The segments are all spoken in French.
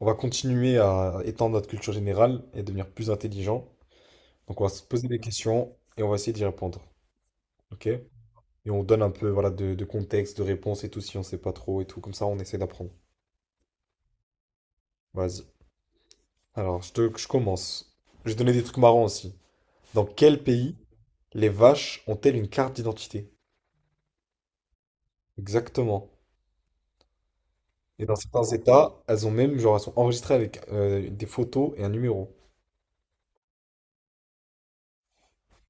On va continuer à étendre notre culture générale et devenir plus intelligent. Donc, on va se poser des questions et on va essayer d'y répondre. OK? Et on donne un peu voilà, de contexte, de réponse et tout si on sait pas trop et tout. Comme ça, on essaie d'apprendre. Vas-y. Alors, je commence. Je vais donner des trucs marrants aussi. Dans quel pays les vaches ont-elles une carte d'identité? Exactement. Et dans certains États, elles ont même, genre, elles sont enregistrées avec des photos et un numéro.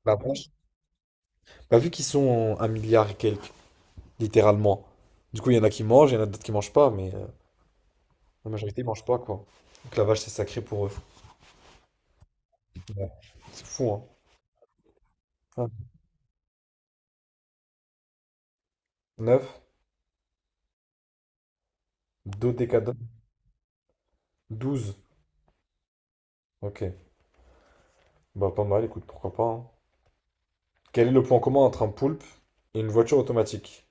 La vache, bah, vu qu'ils sont en 1 milliard et quelques littéralement. Du coup, il y en a qui mangent, il y en a d'autres qui mangent pas, mais la majorité mange pas, quoi. Donc la vache, c'est sacré pour eux. Ouais. C'est fou, hein. Un, neuf, dodécadone, douze. Ok, bah pas mal, écoute, pourquoi pas, hein. Quel est le point commun entre un poulpe et une voiture automatique?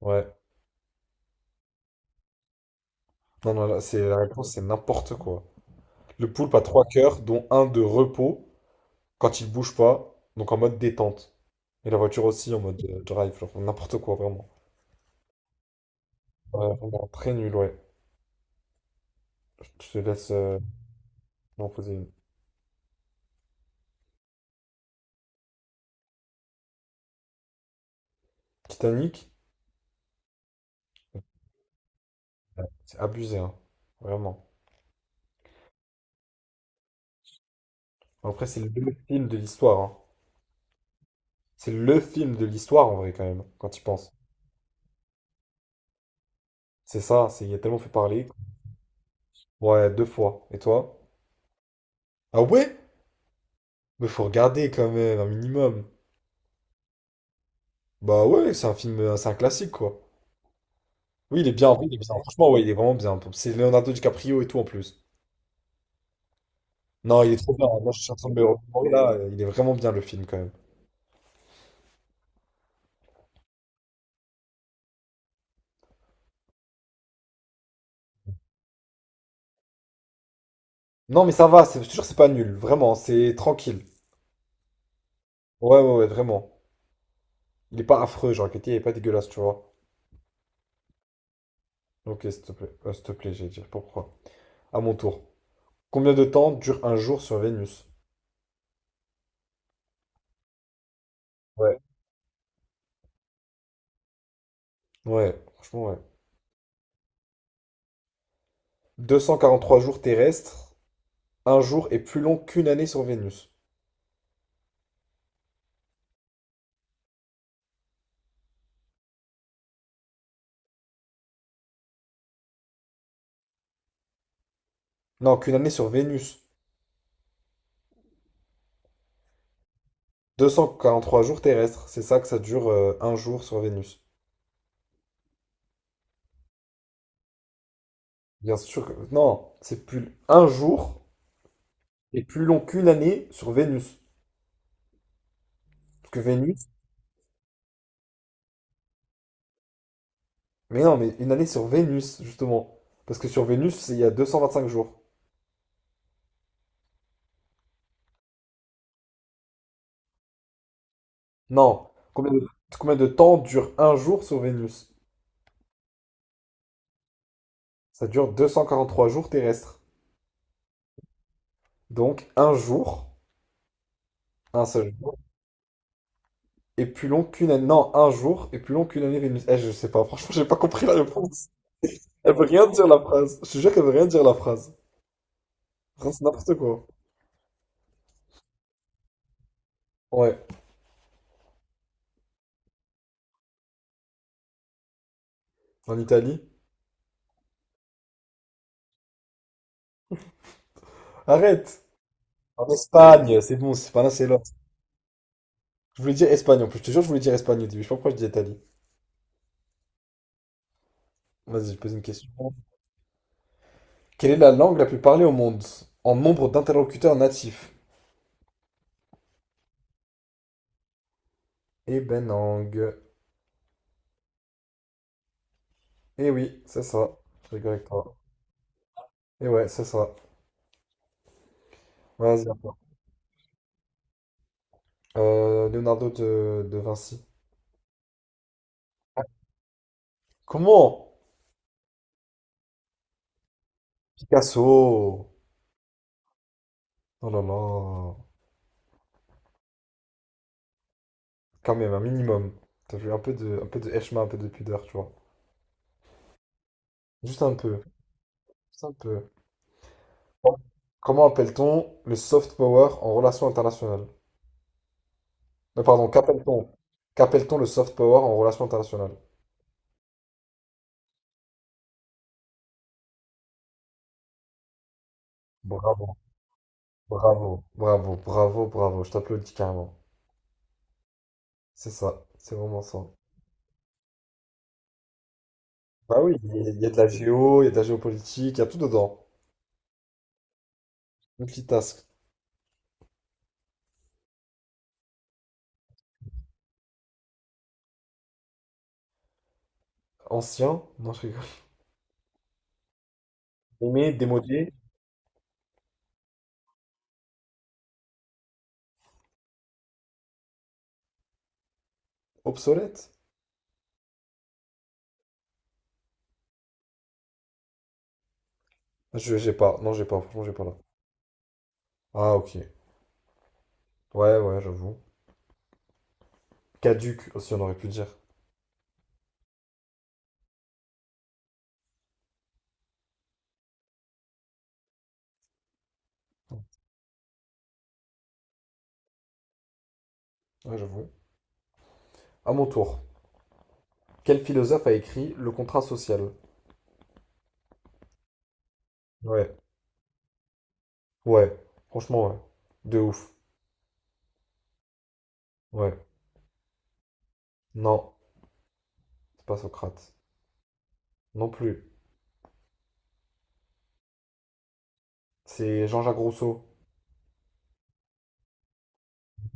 Ouais, non, non, là, c'est la réponse, c'est n'importe quoi. Le poulpe a trois cœurs, dont un de repos quand il bouge pas, donc en mode détente. Et la voiture aussi en mode drive, genre n'importe quoi, vraiment. Ouais, vraiment, très nul, ouais. Je te laisse m'en poser une. Titanic, c'est abusé, hein. Vraiment. Après, c'est le film de l'histoire, hein. C'est le film de l'histoire, en vrai, quand même, quand tu penses. C'est ça, c'est, il a tellement fait parler. Ouais, deux fois. Et toi? Ah ouais? Mais faut regarder, quand même, un minimum. Bah ouais, c'est un film, c'est un classique, quoi. Oui, il est bien, en vrai, il est bien. Franchement, ouais, il est vraiment bien. C'est Leonardo DiCaprio et tout, en plus. Non, il est trop bien. Moi je suis en train de me remémorer, là. Il est vraiment bien, le film, quand même. Non, mais ça va, c'est sûr, c'est pas nul. Vraiment, c'est tranquille. Ouais, ouais, ouais, vraiment. Il est pas affreux, genre Ketty, il est pas dégueulasse, tu vois. Ok, s'il te plaît. S'il te plaît, j'ai dit pourquoi. À mon tour. Combien de temps dure un jour sur Vénus? Ouais. Ouais, franchement, ouais. 243 jours terrestres. Un jour est plus long qu'une année sur Vénus. Non, qu'une année sur Vénus. 243 jours terrestres. C'est ça que ça dure un jour sur Vénus. Bien sûr que... Non, c'est plus... Un jour est plus long qu'une année sur Vénus. Parce que Vénus... Mais non, mais une année sur Vénus, justement. Parce que sur Vénus, il y a 225 jours. Non. Combien de temps dure un jour sur Vénus? Ça dure 243 jours terrestres. Donc un jour, un seul jour, est plus long qu'une année. Non, un jour est plus long qu'une année Vénus. Eh, je sais pas, franchement, j'ai pas compris la réponse. Elle veut rien dire la phrase. Je te jure qu'elle veut rien dire la phrase. Vraiment, c'est n'importe quoi. Ouais, en Italie. Arrête! En Espagne, c'est bon, c'est pas l'un, c'est l'autre. Je voulais dire Espagne en plus, je te jure, je voulais dire Espagne au début. Je sais pas pourquoi je dis Italie. Vas-y, je pose une question. Quelle est la langue la plus parlée au monde en nombre d'interlocuteurs natifs? Et Benang. Et oui, c'est ça. Je rigole avec toi. Et ouais, c'est ça. Vas-y, à toi. Leonardo de Vinci. Comment? Picasso! Oh là là. Quand même, un minimum. T'as vu un peu de Eshma, un peu de pudeur, tu vois. Juste un peu. Juste un peu. Comment appelle-t-on le soft power en relation internationale? Pardon, qu'appelle-t-on? Qu'appelle-t-on le soft power en relation internationale? Bravo, bravo, bravo, bravo, bravo. Je t'applaudis carrément. C'est ça. C'est vraiment ça. Bah oui, il y a de la géo, il y a de la géopolitique, il y a tout dedans. Multitask. Ancien, non, je rigole. Aimé, démodé, obsolète. J'ai pas, non, j'ai pas, franchement, j'ai pas là. Ah, ok. Ouais, ouais, j'avoue. Caduc aussi, on aurait pu dire. Ouais, j'avoue. À mon tour. Quel philosophe a écrit Le contrat social? Ouais, ouais, franchement, ouais. De ouf. Ouais. Non, c'est pas Socrate. Non plus. C'est Jean-Jacques Rousseau.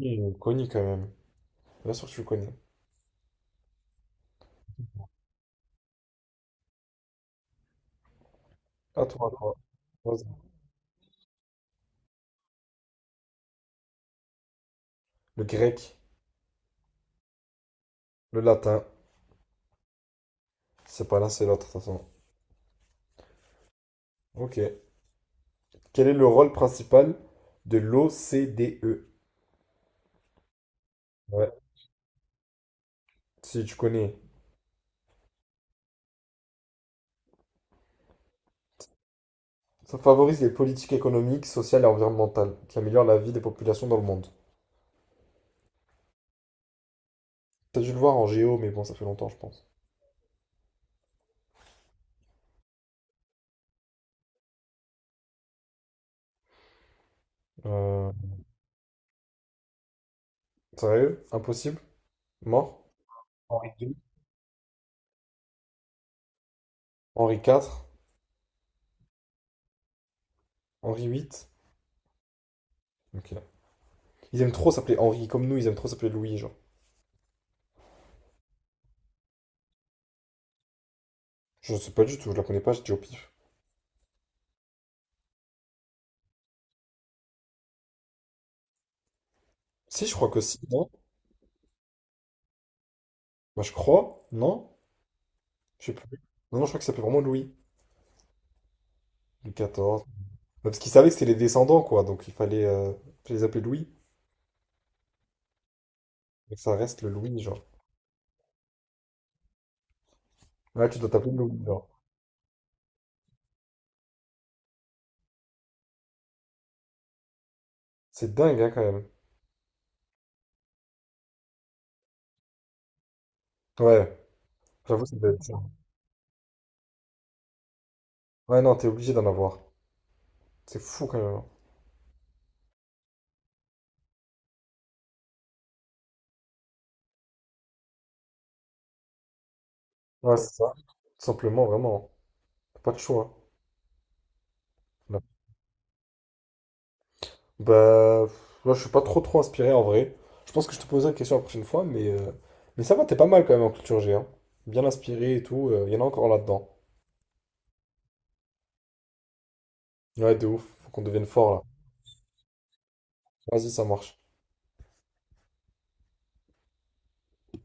Il est connu quand même. Bien sûr que tu le connais. À toi, à toi. Vas-y. Le grec, le latin. C'est pas l'un, c'est l'autre, de toute façon. Ok. Quel est le rôle principal de l'OCDE? Ouais, si tu connais. Ça favorise les politiques économiques, sociales et environnementales, qui améliorent la vie des populations dans le monde. T'as dû le voir en géo, mais bon, ça fait longtemps, je pense. Euh, Sérieux? Impossible? Mort? Henri II? Henri IV? Henri VIII? Ok. Ils aiment trop s'appeler Henri, comme nous, ils aiment trop s'appeler Louis, genre. Je sais pas du tout, je la connais pas, je dis au pif. Si, je crois que si, non? Bah, je crois, non? Je sais plus. Non, non, je crois que ça s'appelle vraiment Louis. Louis XIV. Bah, parce qu'ils savaient que c'était les descendants, quoi. Donc il fallait les appeler Louis. Donc ça reste le Louis, genre. Ouais, tu dois t'appeler Louis, genre. C'est dingue, hein, quand même. Ouais, j'avoue, ça doit être ça. Ouais, non, t'es obligé d'en avoir. C'est fou, quand même, hein. Ouais, c'est ça. Tout simplement, vraiment. T'as pas de choix, hein. Non. Bah, pff, là, je suis pas trop trop inspiré, en vrai. Je pense que je te poserai la question la prochaine fois, mais ça va, t'es pas mal, quand même, en culture G, hein. Bien inspiré et tout. Il y en a encore là-dedans. Ouais, de ouf. Faut qu'on devienne fort, là. Vas-y, ça marche.